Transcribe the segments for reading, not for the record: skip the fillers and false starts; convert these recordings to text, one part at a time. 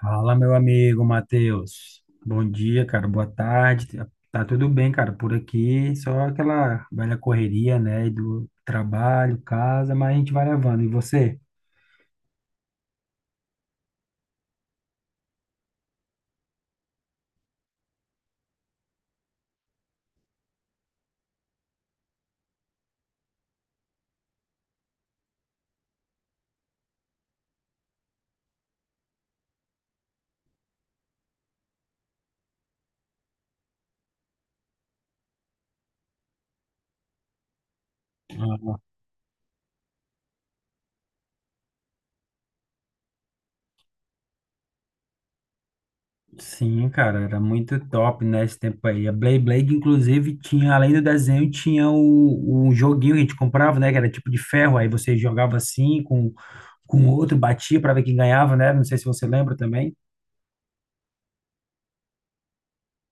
Fala, meu amigo Matheus. Bom dia, cara. Boa tarde. Tá tudo bem, cara, por aqui. Só aquela velha correria, né? E do trabalho, casa, mas a gente vai levando. E você? Ah, sim, cara, era muito top, né? Esse tempo aí. A Blade Blade, inclusive, tinha, além do desenho, tinha o joguinho que a gente comprava, né? Que era tipo de ferro. Aí você jogava assim com outro, batia para ver quem ganhava, né? Não sei se você lembra também.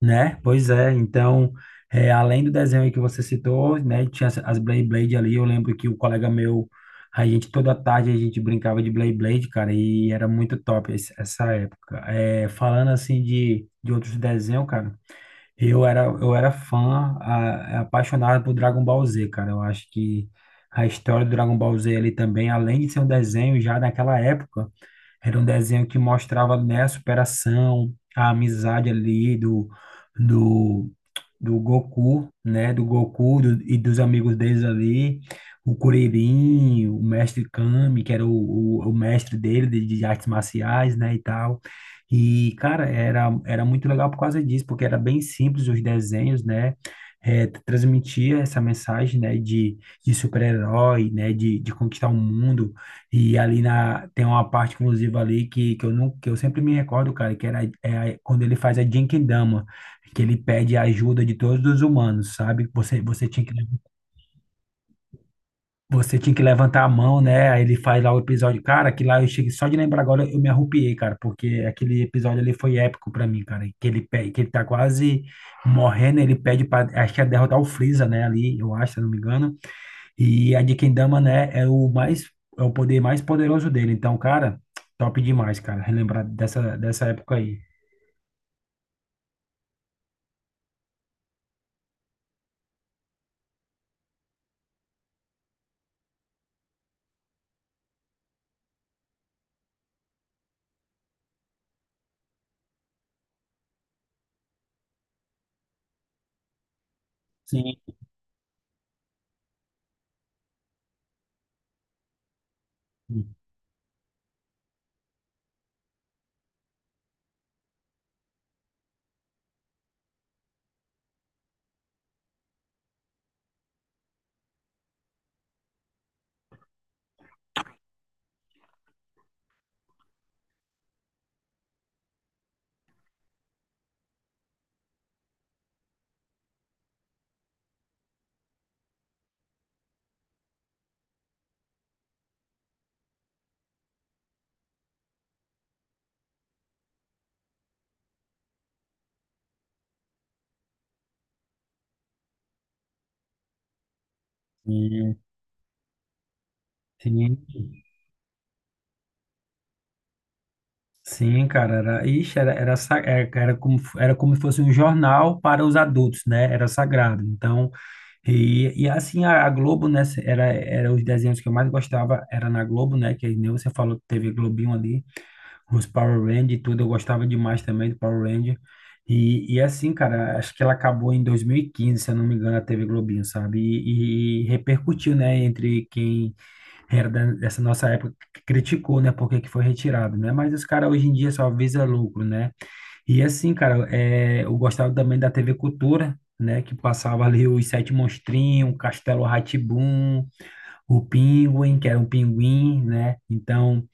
Né? Pois é, então, além do desenho aí que você citou, né, tinha as Beyblade ali, eu lembro que o colega meu, a gente toda tarde a gente brincava de Beyblade, cara, e era muito top essa época. É, falando assim de outros desenhos, cara, eu era fã, apaixonado por Dragon Ball Z, cara, eu acho que a história do Dragon Ball Z ali também, além de ser um desenho, já naquela época, era um desenho que mostrava, né, a superação, a amizade ali do, do Goku, né, e dos amigos deles ali, o Kuririn, o Mestre Kami, que era o mestre dele de artes marciais, né, e tal. E, cara, era muito legal por causa disso, porque era bem simples os desenhos, né, transmitia essa mensagem, né, de super-herói, né, de conquistar o mundo, e ali na, tem uma parte, inclusive, ali eu não, que eu sempre me recordo, cara, que era quando ele faz a Genkidama, que ele pede a ajuda de todos os humanos, sabe? Você tinha que levantar a mão, né? Aí ele faz lá o episódio. Cara, que lá eu cheguei só de lembrar agora, eu me arrupiei, cara, porque aquele episódio ali foi épico pra mim, cara. Que ele tá quase morrendo, ele pede pra, acho que é derrotar o Freeza, né? Ali, eu acho, se eu não me engano. E a de Kendama, né, é o poder mais poderoso dele. Então, cara, top demais, cara, relembrar dessa época aí. Sim, sim, sim, sim, cara, era, ixi, era, era, sa- era, era como se fosse um jornal para os adultos, né, era sagrado. Então, e assim, a Globo, né, era os desenhos que eu mais gostava, era na Globo, né, que nem você falou, teve Globinho ali. Os Power Rangers e tudo, eu gostava demais também do Power Ranger. E assim, cara, acho que ela acabou em 2015 se eu não me engano, a TV Globinho, sabe? E repercutiu, né, entre quem era dessa nossa época, que criticou, né, porque que foi retirado, né? Mas os caras hoje em dia só visa lucro, né? E assim, cara, eu gostava também da TV Cultura, né, que passava ali os Sete Monstrinhos, Castelo rá tim o Penguin, que era um pinguim, né? Então,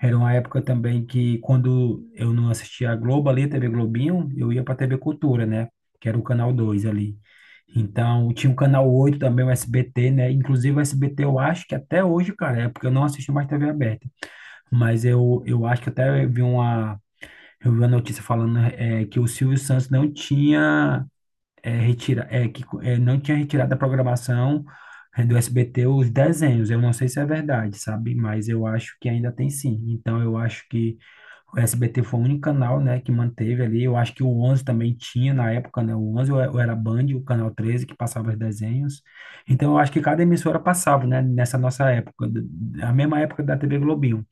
era uma época também que quando eu não assistia a Globo ali, TV Globinho, eu ia para TV Cultura, né? Que era o canal 2 ali. Então, tinha o canal 8 também, o SBT, né? Inclusive o SBT eu acho que até hoje, cara, é porque eu não assisto mais TV aberta. Mas eu acho que até eu vi uma notícia falando que o Silvio Santos não tinha é, retira, é, que é, não tinha retirado da programação do SBT os desenhos. Eu não sei se é verdade, sabe? Mas eu acho que ainda tem sim. Então eu acho que o SBT foi o único canal, né, que manteve ali. Eu acho que o 11 também tinha na época, né? O 11 ou ou era Band, o canal 13 que passava os desenhos. Então eu acho que cada emissora passava, né, nessa nossa época, a mesma época da TV Globinho.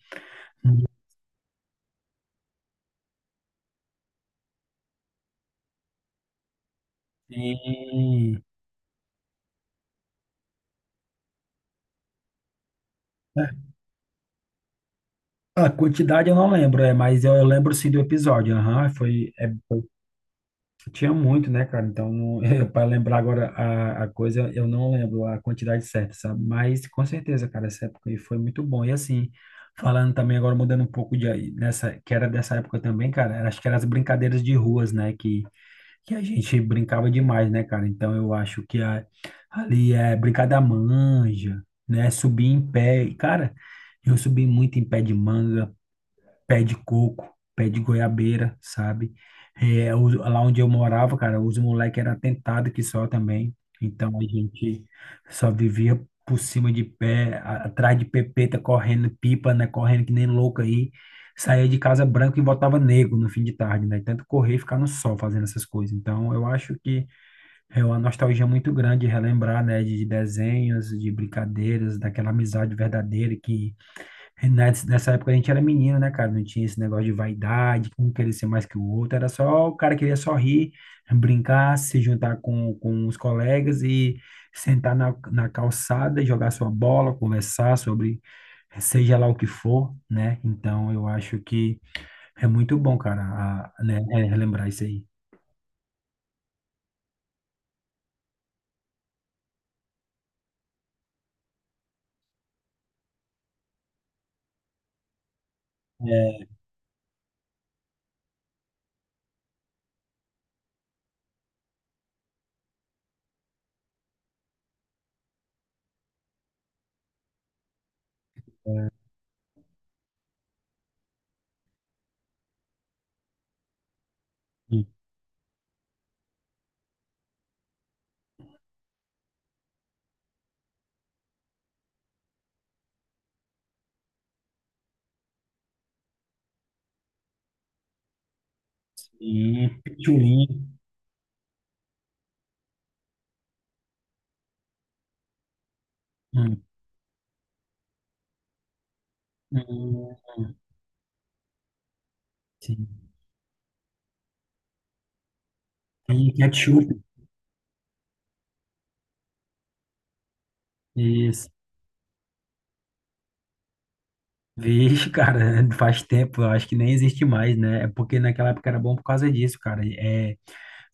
E é, a quantidade eu não lembro, mas eu lembro sim do episódio. Aham, foi, tinha muito, né, cara? Então, não, para lembrar agora a coisa, eu não lembro a quantidade certa, sabe? Mas com certeza, cara, essa época aí foi muito bom. E assim, falando também agora, mudando um pouco de aí, nessa, que era dessa época também, cara, acho que eram as brincadeiras de ruas, né? Que a gente brincava demais, né, cara? Então eu acho que ali é brincar da manja, né? Subir em pé. E, cara, eu subi muito em pé de manga, pé de coco, pé de goiabeira, sabe? É, lá onde eu morava, cara, os moleques eram atentados que só também. Então a gente só vivia por cima de pé, atrás de pepeta, correndo pipa, né? Correndo que nem louco aí. Saía de casa branco e voltava negro no fim de tarde, né? Tanto correr e ficar no sol fazendo essas coisas. Então eu acho que é uma nostalgia muito grande relembrar, né? De desenhos, de brincadeiras, daquela amizade verdadeira que nessa época a gente era menino, né, cara? Não tinha esse negócio de vaidade, um querer ser mais que o outro. Era só o cara queria só rir, brincar, se juntar com os colegas e sentar na calçada, e jogar sua bola, conversar sobre seja lá o que for, né? Então eu acho que é muito bom, cara, né, relembrar isso aí. É, e, e pichulinha. Hum, hum, hum, sim. E ketchup. Isso. Vixe, cara, faz tempo, eu acho que nem existe mais, né? É porque naquela época era bom por causa disso, cara. É,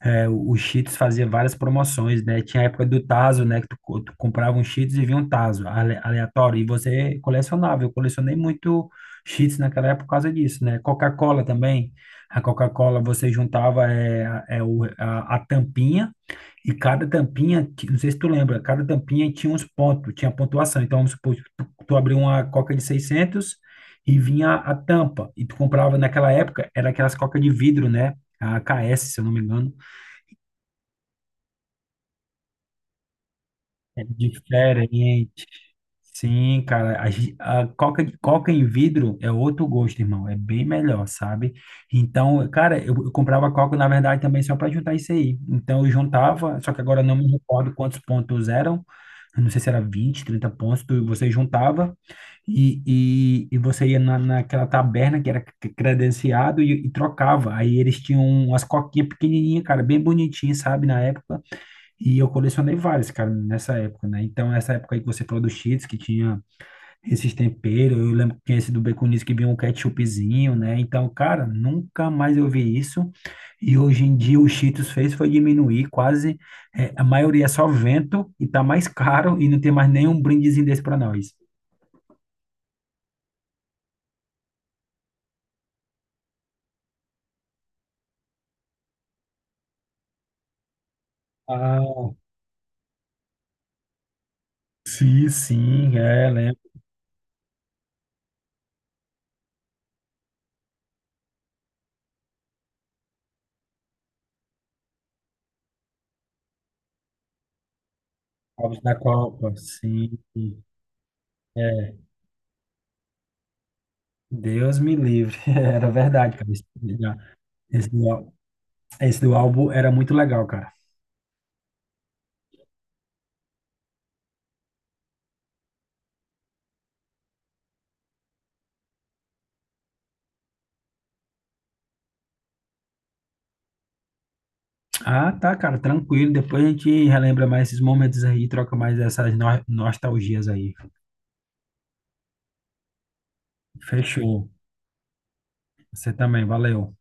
é, O Cheetos fazia várias promoções, né? Tinha a época do Tazo, né? Que tu comprava um Cheetos e vinha um Tazo aleatório, e você colecionava. Eu colecionei muito Cheetos naquela época por causa disso, né? Coca-Cola também. A Coca-Cola você juntava a tampinha. E cada tampinha, não sei se tu lembra, cada tampinha tinha uns pontos, tinha pontuação. Então, vamos supor, tu abriu uma coca de 600 e vinha a tampa. E tu comprava, naquela época, era aquelas coca de vidro, né? A AKS, se eu não me engano. É diferente. Sim, cara, a coca, coca em vidro é outro gosto, irmão. É bem melhor, sabe? Então, cara, eu comprava coca, na verdade, também só para juntar isso aí. Então, eu juntava, só que agora eu não me recordo quantos pontos eram, eu não sei se era 20, 30 pontos, você juntava e você ia na, naquela taberna que era credenciado e trocava. Aí eles tinham umas coquinhas pequenininhas, cara, bem bonitinhas, sabe, na época. E eu colecionei várias, cara, nessa época, né? Então, essa época aí que você falou do Cheetos, que tinha esses temperos. Eu lembro que tinha esse do Baconzitos que vinha um ketchupzinho, né? Então, cara, nunca mais eu vi isso. E hoje em dia o Cheetos fez foi diminuir quase, a maioria é só vento e tá mais caro e não tem mais nenhum brindezinho desse para nós. Ah, sim, sim, lembro. Ovos da Copa, sim. É, Deus me livre. Era verdade, cara. Esse do ál- esse do álbum era muito legal, cara. Ah, tá, cara, tranquilo. Depois a gente relembra mais esses momentos aí, troca mais essas nostalgias aí. Fechou. Você também, valeu.